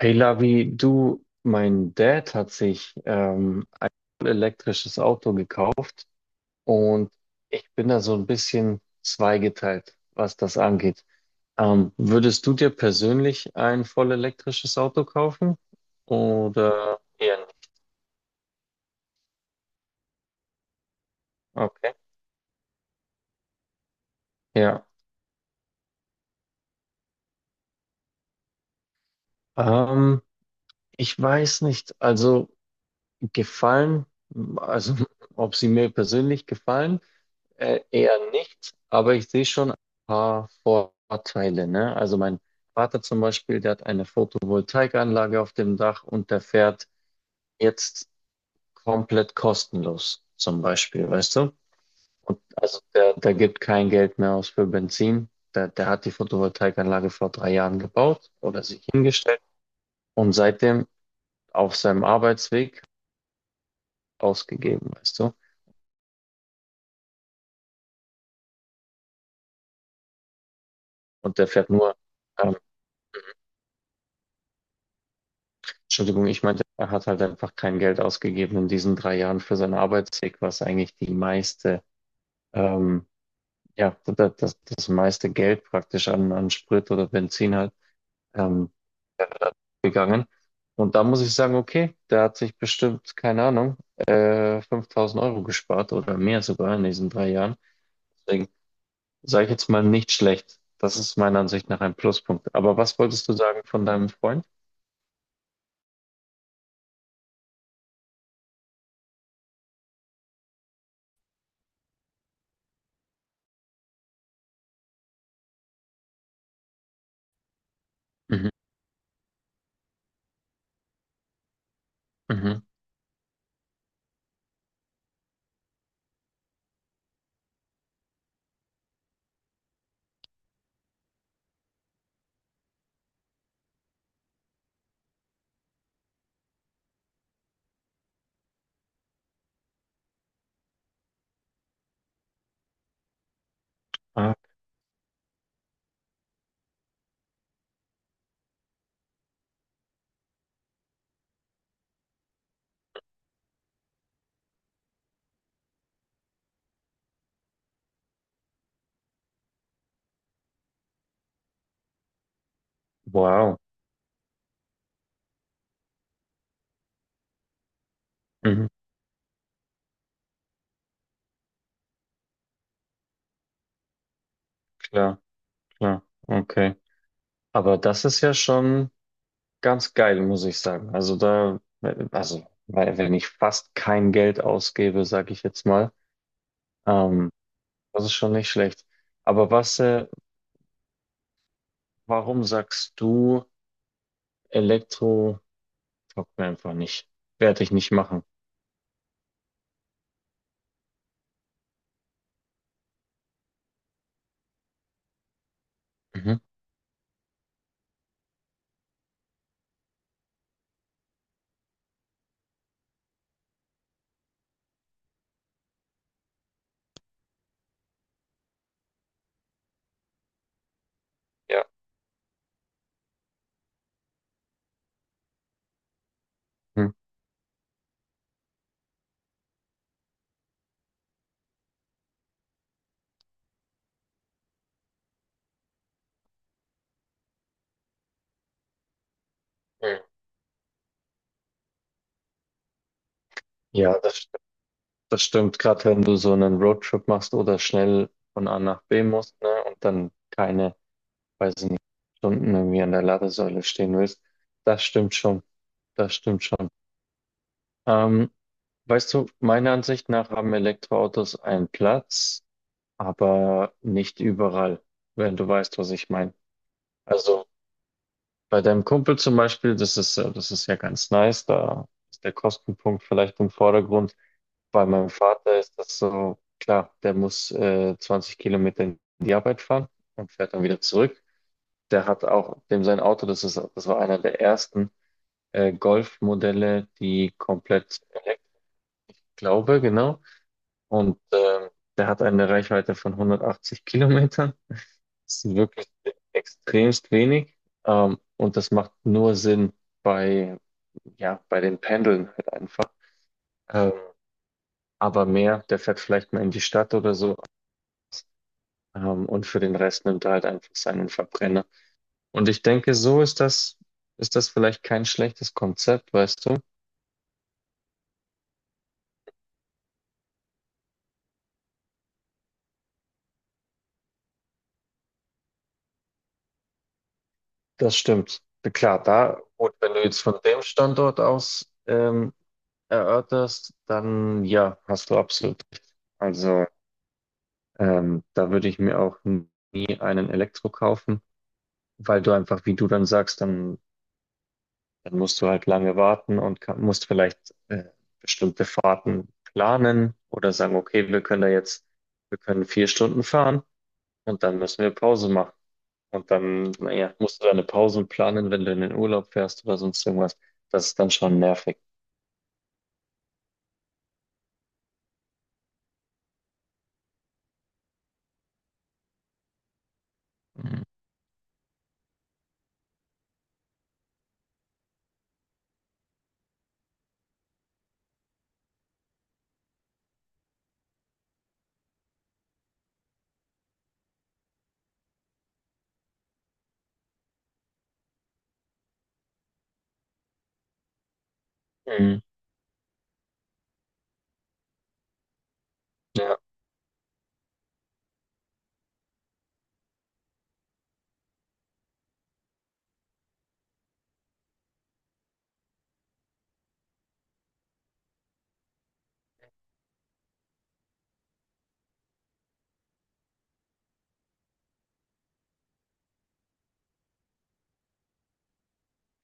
Hey Lavi, du, mein Dad hat sich ein elektrisches Auto gekauft, und ich bin da so ein bisschen zweigeteilt, was das angeht. Würdest du dir persönlich ein voll elektrisches Auto kaufen oder eher nicht? Okay. Ja, ähm, ich weiß nicht, also gefallen, also ob sie mir persönlich gefallen. Eher nicht, aber ich sehe schon ein paar Vorteile, ne? Also mein Vater zum Beispiel, der hat eine Photovoltaikanlage auf dem Dach, und der fährt jetzt komplett kostenlos, zum Beispiel, weißt du? Und also der gibt kein Geld mehr aus für Benzin. Der hat die Photovoltaikanlage vor 3 Jahren gebaut oder sich hingestellt, und seitdem auf seinem Arbeitsweg ausgegeben, weißt du? Und der fährt nur ähm, Entschuldigung, ich meinte, er hat halt einfach kein Geld ausgegeben in diesen 3 Jahren für seinen Arbeitsweg, was eigentlich die meiste, ähm, ja, das meiste Geld praktisch an Sprit oder Benzin halt ähm, gegangen. Und da muss ich sagen, okay, der hat sich bestimmt, keine Ahnung, 5.000 Euro gespart oder mehr sogar in diesen 3 Jahren. Deswegen sage ich jetzt mal nicht schlecht. Das ist meiner Ansicht nach ein Pluspunkt. Aber was wolltest du sagen von deinem Freund? Mhm, mhm. Ah, wow. Mhm, klar. Ja, okay. Aber das ist ja schon ganz geil, muss ich sagen. Also da, also, weil, wenn ich fast kein Geld ausgebe, sage ich jetzt mal, ähm, das ist schon nicht schlecht. Aber was, warum sagst du, Elektro taugt mir einfach nicht? Werde ich nicht machen. Mhm. Ja. Hm. Hm. Ja, das stimmt. Gerade wenn du so einen Roadtrip machst oder schnell von A nach B musst, ne, und dann keine, weiß ich nicht, Stunden irgendwie an der Ladesäule stehen willst. Das stimmt schon. Das stimmt schon. Ähm, Weißt du, meiner Ansicht nach haben Elektroautos einen Platz, aber nicht überall, wenn du weißt, was ich meine. Also bei deinem Kumpel zum Beispiel, das ist ja ganz nice, da ist der Kostenpunkt vielleicht im Vordergrund. Bei meinem Vater ist das so, klar, der muss 20 Kilometer in die Arbeit fahren und fährt dann wieder zurück. Der hat auch, dem sein Auto, das war einer der ersten Golf-Modelle, die komplett elektrisch, glaube, genau. Und der hat eine Reichweite von 180 Kilometern. Das ist wirklich extremst wenig. Und das macht nur Sinn bei, ja, bei den Pendeln halt einfach. Ähm, aber mehr, der fährt vielleicht mal in die Stadt oder so. Und für den Rest nimmt er halt einfach seinen Verbrenner. Und ich denke, so ist das vielleicht kein schlechtes Konzept, weißt du? Das stimmt. Klar, da, gut, wenn du jetzt von dem Standort aus erörterst, dann ja, hast du absolut recht. Also da würde ich mir auch nie einen Elektro kaufen, weil du einfach, wie du dann sagst, dann, dann musst du halt lange warten und musst vielleicht äh, bestimmte Fahrten planen oder sagen, okay, wir können da jetzt, wir können 4 Stunden fahren, und dann müssen wir Pause machen. Und dann, naja, musst du deine Pausen planen, wenn du in den Urlaub fährst oder sonst irgendwas. Das ist dann schon nervig. Mhm. Mhm. Ja,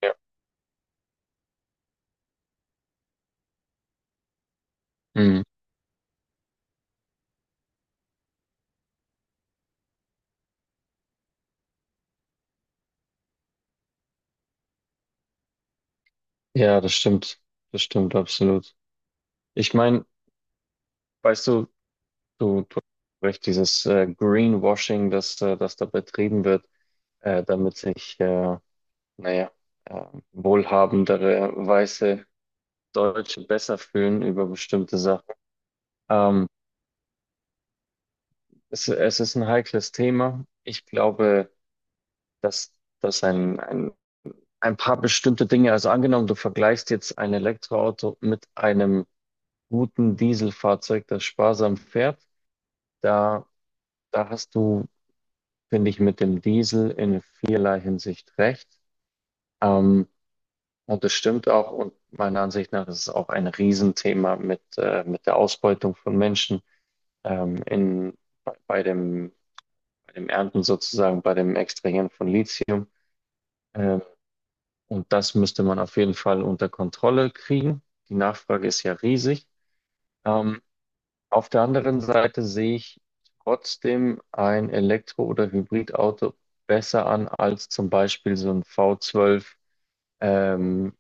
ja. Mhm. Ja, das stimmt. Das stimmt absolut. Ich meine, weißt du, du hast recht, dieses Greenwashing, das da betrieben wird, damit sich, naja, äh, wohlhabendere weiße Deutsche besser fühlen über bestimmte Sachen. Ähm, es ist ein heikles Thema. Ich glaube, dass, dass ein ein paar bestimmte Dinge. Also angenommen, du vergleichst jetzt ein Elektroauto mit einem guten Dieselfahrzeug, das sparsam fährt. Da, da hast du, finde ich, mit dem Diesel in vielerlei Hinsicht recht. Ähm, und das stimmt auch. Und meiner Ansicht nach ist es auch ein Riesenthema mit der Ausbeutung von Menschen in, bei, bei dem, bei dem Ernten sozusagen, bei dem Extrahieren von Lithium. Ähm, Und das müsste man auf jeden Fall unter Kontrolle kriegen. Die Nachfrage ist ja riesig. Ähm, auf der anderen Seite sehe ich trotzdem ein Elektro- oder Hybridauto besser an als zum Beispiel so ein V12 ähm,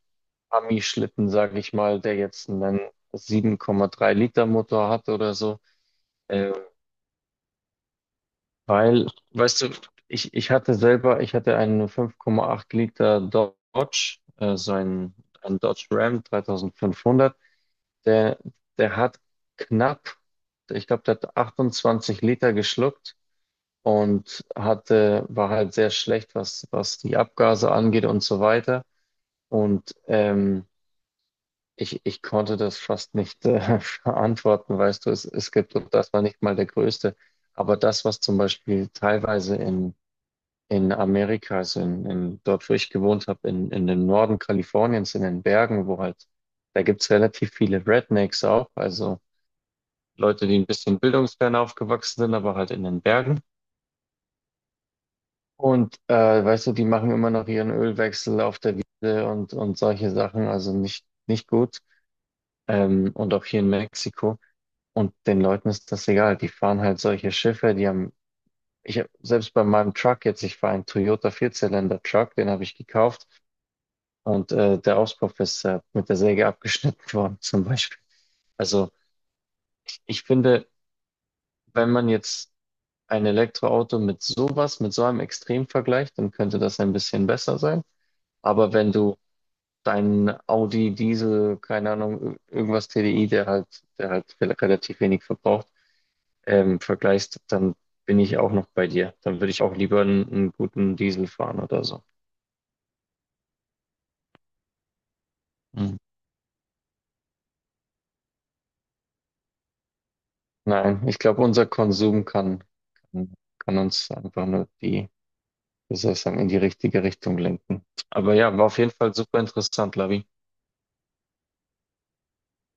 Ami-Schlitten, sage ich mal, der jetzt einen 7,3 Liter Motor hat oder so. Äh, Weil, weißt du, ich hatte selber, ich hatte einen 5,8 Liter Dodge, so ein Dodge Ram 3500. Der, der hat knapp, ich glaube, der hat 28 Liter geschluckt und hatte, war halt sehr schlecht, was die Abgase angeht und so weiter. Und ich konnte das fast nicht verantworten, weißt du, es gibt, und das war nicht mal der größte. Aber das, was zum Beispiel teilweise in Amerika, also dort, wo ich gewohnt habe, in dem Norden Kaliforniens, in den Bergen, wo halt, da gibt's relativ viele Rednecks auch, also Leute, die ein bisschen bildungsfern aufgewachsen sind, aber halt in den Bergen. Und weißt du, die machen immer noch ihren Ölwechsel auf der Wiese und solche Sachen, also nicht, nicht gut. Und auch hier in Mexiko. Und den Leuten ist das egal. Die fahren halt solche Schiffe, die haben, ich hab, selbst bei meinem Truck jetzt, ich fahre einen Toyota Vierzylinder-Truck, den habe ich gekauft, und der Auspuff ist mit der Säge abgeschnitten worden, zum Beispiel. Also ich finde, wenn man jetzt ein Elektroauto mit sowas, mit so einem Extremvergleich, dann könnte das ein bisschen besser sein. Aber wenn du deinen Audi Diesel, keine Ahnung, irgendwas TDI, der halt relativ wenig verbraucht, vergleichst, dann bin ich auch noch bei dir. Dann würde ich auch lieber einen guten Diesel fahren oder so. Mhm. Nein, ich glaube, unser Konsum kann uns einfach nur die, wie soll ich sagen, in die richtige Richtung lenken. Aber ja, war auf jeden Fall super interessant, Lavi.